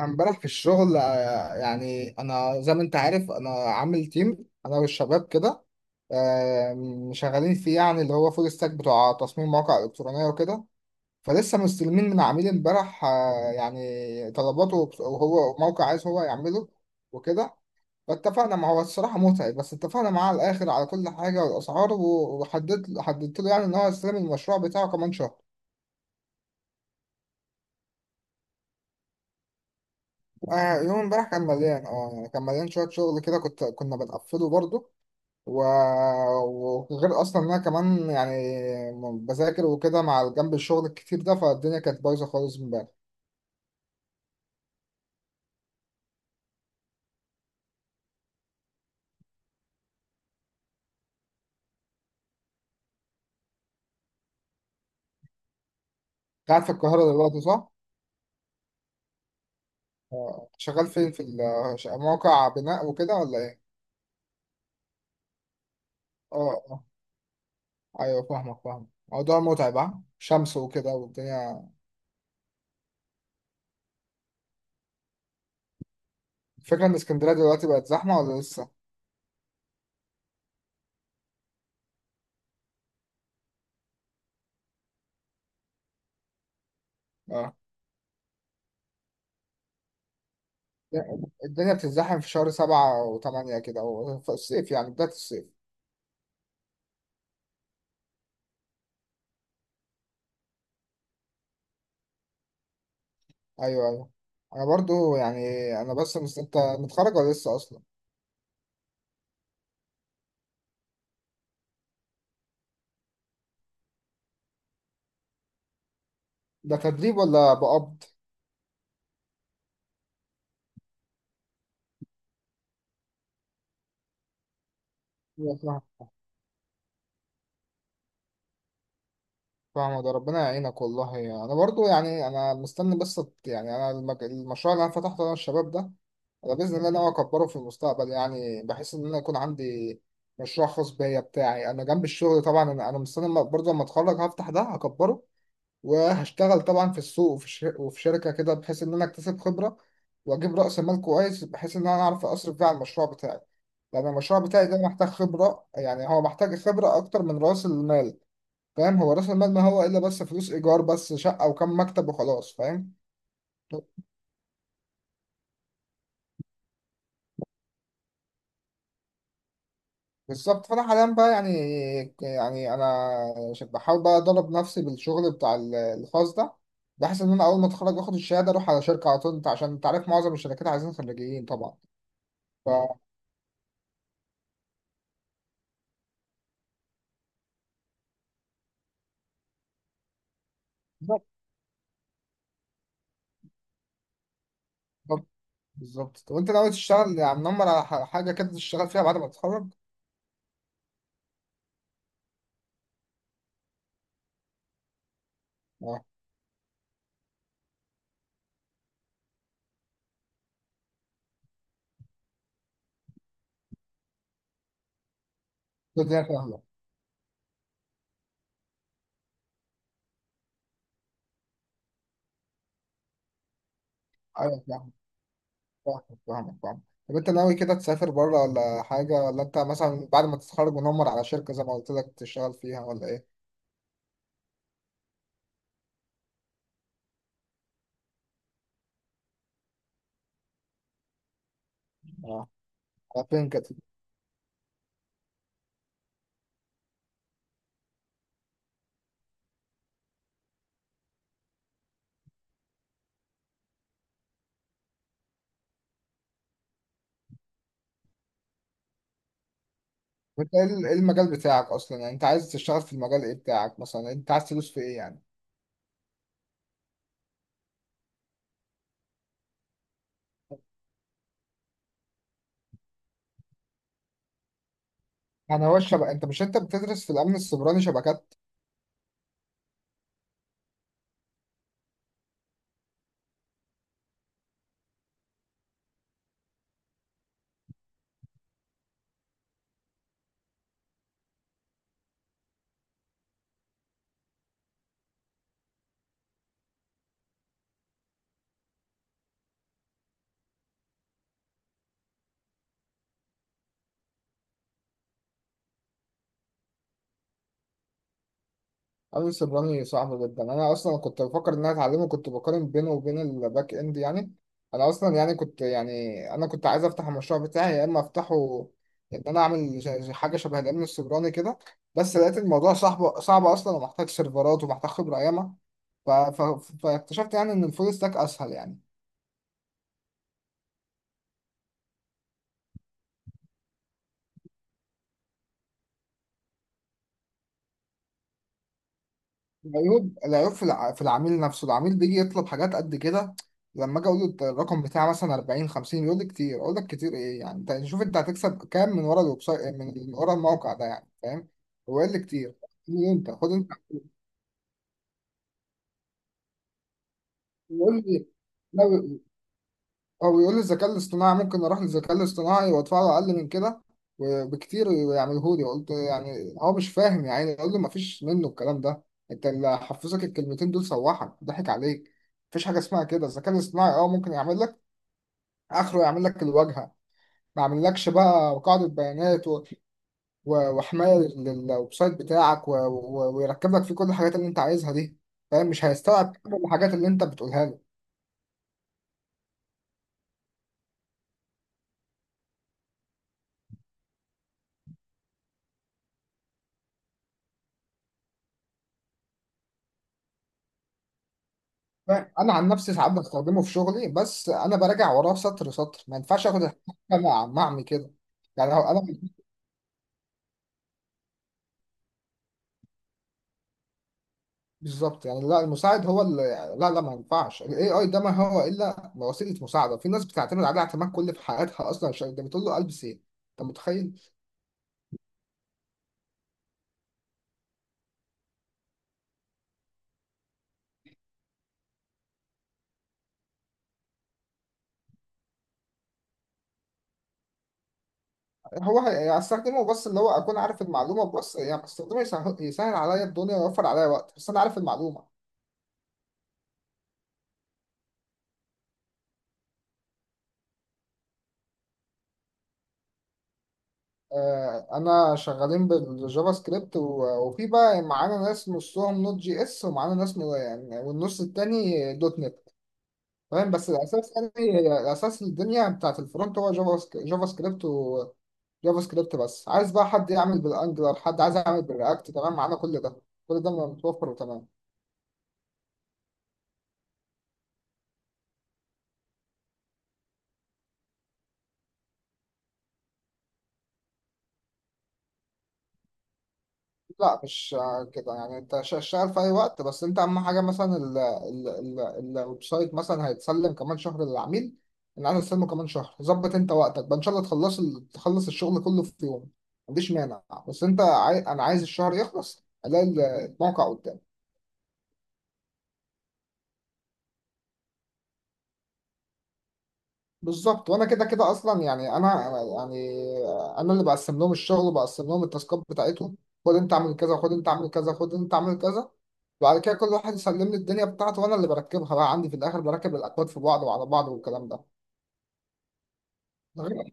امبارح في الشغل يعني انا زي ما انت عارف انا عامل تيم انا والشباب كده. شغالين فيه يعني اللي هو فول ستاك بتوع تصميم مواقع الكترونيه وكده. فلسه مستلمين من عميل امبارح، يعني طلباته، وهو موقع عايز هو يعمله وكده. فاتفقنا معاه، هو الصراحه متعب، بس اتفقنا معاه على الاخر على كل حاجه والاسعار، وحددت له يعني ان هو يستلم المشروع بتاعه كمان شهر. يوم امبارح كان مليان، يعني كان مليان شويه شغل كده، كنا بنقفله برضه. وغير اصلا ان انا كمان يعني بذاكر وكده مع جنب الشغل الكتير ده، فالدنيا كانت بايظه خالص امبارح. قاعد في القاهره دلوقتي، صح؟ آه. شغال فين؟ في موقع بناء وكده ولا ايه؟ اه اه. ايوه، فاهمك فاهمك، موضوع متعب، ها شمس وكده والدنيا. الفكره ان اسكندريه دلوقتي بقت زحمه ولا لسه؟ اه. الدنيا بتتزحم في شهر 7 و8 كده، أو في الصيف يعني بداية الصيف. أيوه أيوه. أنا برضو يعني، أنا بس أنت متخرج ولا لسه أصلا؟ ده تدريب ولا بقبض؟ أيوة، فاهم. فاهم، ده ربنا يعينك والله. انا برضو يعني انا مستني، بس يعني انا المشروع اللي انا فتحته انا والشباب ده، انا باذن الله ناوي اكبره في المستقبل، يعني بحيث ان انا يكون عندي مشروع خاص بيا بتاعي انا جنب الشغل. طبعا أنا مستني برضو لما اتخرج هفتح ده، هكبره وهشتغل طبعا في السوق، وفي وفي شركة كده، بحيث إن أنا أكتسب خبرة وأجيب رأس مال كويس بحيث إن أنا أعرف أصرف بيه على المشروع بتاعي. لأن المشروع بتاعي ده محتاج خبرة، يعني هو محتاج خبرة أكتر من رأس المال. فاهم، هو رأس المال ما هو إلا بس فلوس إيجار، بس شقة وكم مكتب وخلاص، فاهم. بالظبط. فأنا حاليا بقى يعني، أنا بحاول بقى أدرب نفسي بالشغل بتاع الخاص ده، بحيث إن أنا أول ما أتخرج وآخد الشهادة أروح على شركة على طول. أنت عشان أنت عارف معظم الشركات عايزين خريجين طبعا. ف... بالظبط. بالظبط. طب انت ناوي تشتغل يعني منمر على حاجه كده تشتغل فيها بعد ما تتخرج؟ اه، الدنيا سهله. ايوه، فاهمك فاهمك. طب انت ناوي كده تسافر بره ولا حاجه، ولا انت مثلا بعد ما تتخرج منمر على شركه زي ما قلت لك تشتغل فيها ولا ايه؟ اه، على فين كده؟ وانت ايه ايه المجال بتاعك اصلا، يعني انت عايز تشتغل في المجال ايه بتاعك، مثلا انت عايز تدوس في ايه يعني؟ يعني هو الشبكه، انت مش انت بتدرس في الامن السيبراني شبكات؟ اليس الرمي صعب جدا. انا اصلا كنت بفكر ان انا اتعلمه، كنت بقارن بينه وبين الباك اند يعني. انا اصلا يعني كنت يعني انا كنت عايز افتح المشروع بتاعي، يا اما افتحه ان انا اعمل حاجه شبه الامن السيبراني كده، بس لقيت الموضوع صعب صعب اصلا ومحتاج سيرفرات ومحتاج خبره ياما. فاكتشفت يعني ان الفول ستاك اسهل يعني. العيوب في في العميل نفسه. العميل بيجي يطلب حاجات قد كده. لما اجي اقول له الرقم بتاعي مثلا 40 50، يقول لي كتير. اقول لك كتير ايه يعني، انت شوف انت هتكسب كام من ورا الويب سايت، من ورا الموقع ده يعني، فاهم. هو قال لي كتير، خد انت خد انت. يقول لي لا، او يقول لي الذكاء الاصطناعي، ممكن اروح للذكاء الاصطناعي وادفع له اقل من كده وبكتير ويعمله لي. قلت يعني هو مش فاهم يا عيني. اقول له مفيش منه الكلام ده. انت اللي حفظك الكلمتين دول سوحك، ضحك عليك. مفيش حاجه اسمها كده. الذكاء الاصطناعي ممكن يعمل لك اخره يعمل لك الواجهه. ما يعملكش بقى قاعده بيانات وحمايه للويب سايت بتاعك ويركب لك فيه كل الحاجات اللي انت عايزها دي، فاهم. مش هيستوعب كل الحاجات اللي انت بتقولها له. انا عن نفسي ساعات بستخدمه في شغلي، بس انا براجع وراه سطر سطر. ما ينفعش اخد الحاجه مع معمي كده. يعني هو انا بالظبط، يعني لا المساعد هو اللي يعني، لا لا، ما ينفعش الاي اي ده. ما هو الا وسيله مساعده. في ناس بتعتمد عليه اعتماد كل في حياتها اصلا، عشان ده بتقول له البس ايه. انت متخيل. هو هستخدمه، بس اللي هو اكون عارف المعلومه، بس يعني بستخدمه يسهل عليا الدنيا، ويوفر عليا وقت، بس انا عارف المعلومه. انا شغالين بالجافا سكريبت، وفي بقى معانا ناس نصهم نوت جي اس، ومعانا ناس والنص التاني دوت نت. تمام، بس الاساس يعني الاساس الدنيا بتاعت الفرونت هو جافا سكريبت، وجافا سكريبت. بس عايز بقى حد يعمل بالانجلر، حد عايز يعمل بالرياكت، تمام، معانا كل ده. كل ده متوفر وتمام. لا، مش كده. يعني انت شغال في اي وقت، بس انت اهم حاجه مثلا ال ال ال الويب سايت مثلا هيتسلم كمان شهر للعميل. ان انا استلمه كمان شهر، ظبط انت وقتك بقى، ان شاء الله تخلص تخلص الشغل كله في يوم، ما عنديش مانع. بس انت انا عايز الشهر يخلص الاقي الموقع قدامي. بالظبط. وانا كده كده اصلا يعني انا يعني انا اللي بقسم لهم الشغل، وبقسم لهم التاسكات بتاعتهم. خد انت اعمل كذا، خد انت اعمل كذا، خد انت اعمل كذا. بعد كده كل واحد يسلم لي الدنيا بتاعته، وانا اللي بركبها بقى عندي في الاخر، بركب الاكواد في بعض وعلى بعض والكلام ده. ده غير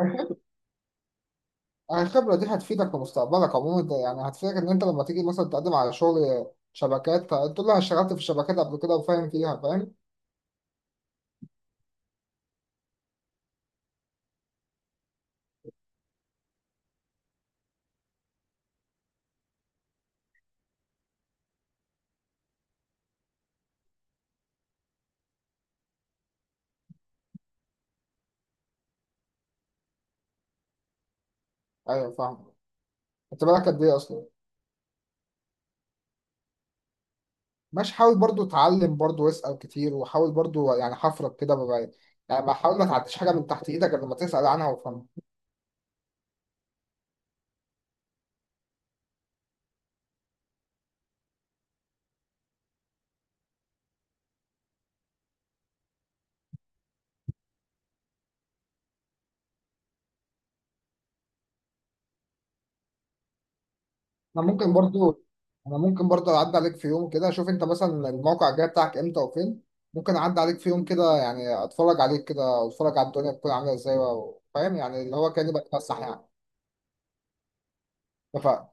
الخبرة الخبرة دي هتفيدك في مستقبلك عموما. ده يعني هتفيدك ان انت لما تيجي مثلا تقدم على شغل شبكات تقول له انا اشتغلت في الشبكات قبل كده وفاهم فيها، فاهم. ايوه، فاهم. انت بالك قد ايه اصلا؟ ماشي. حاول برضو تعلم، برضو واسال كتير، وحاول برضو يعني حفرك كده بقى. يعني ما حاول ما تعديش حاجه من تحت ايدك غير لما تسال عنها وفهمها. انا ممكن برضو انا ممكن برضه اعدي عليك في يوم كده، اشوف انت مثلا الموقع الجاي بتاعك امتى وفين. ممكن اعدي عليك في يوم كده، يعني اتفرج عليك كده، واتفرج على الدنيا بتكون عامله ازاي، فاهم يعني اللي هو كاني بتفسح يعني. اتفقنا.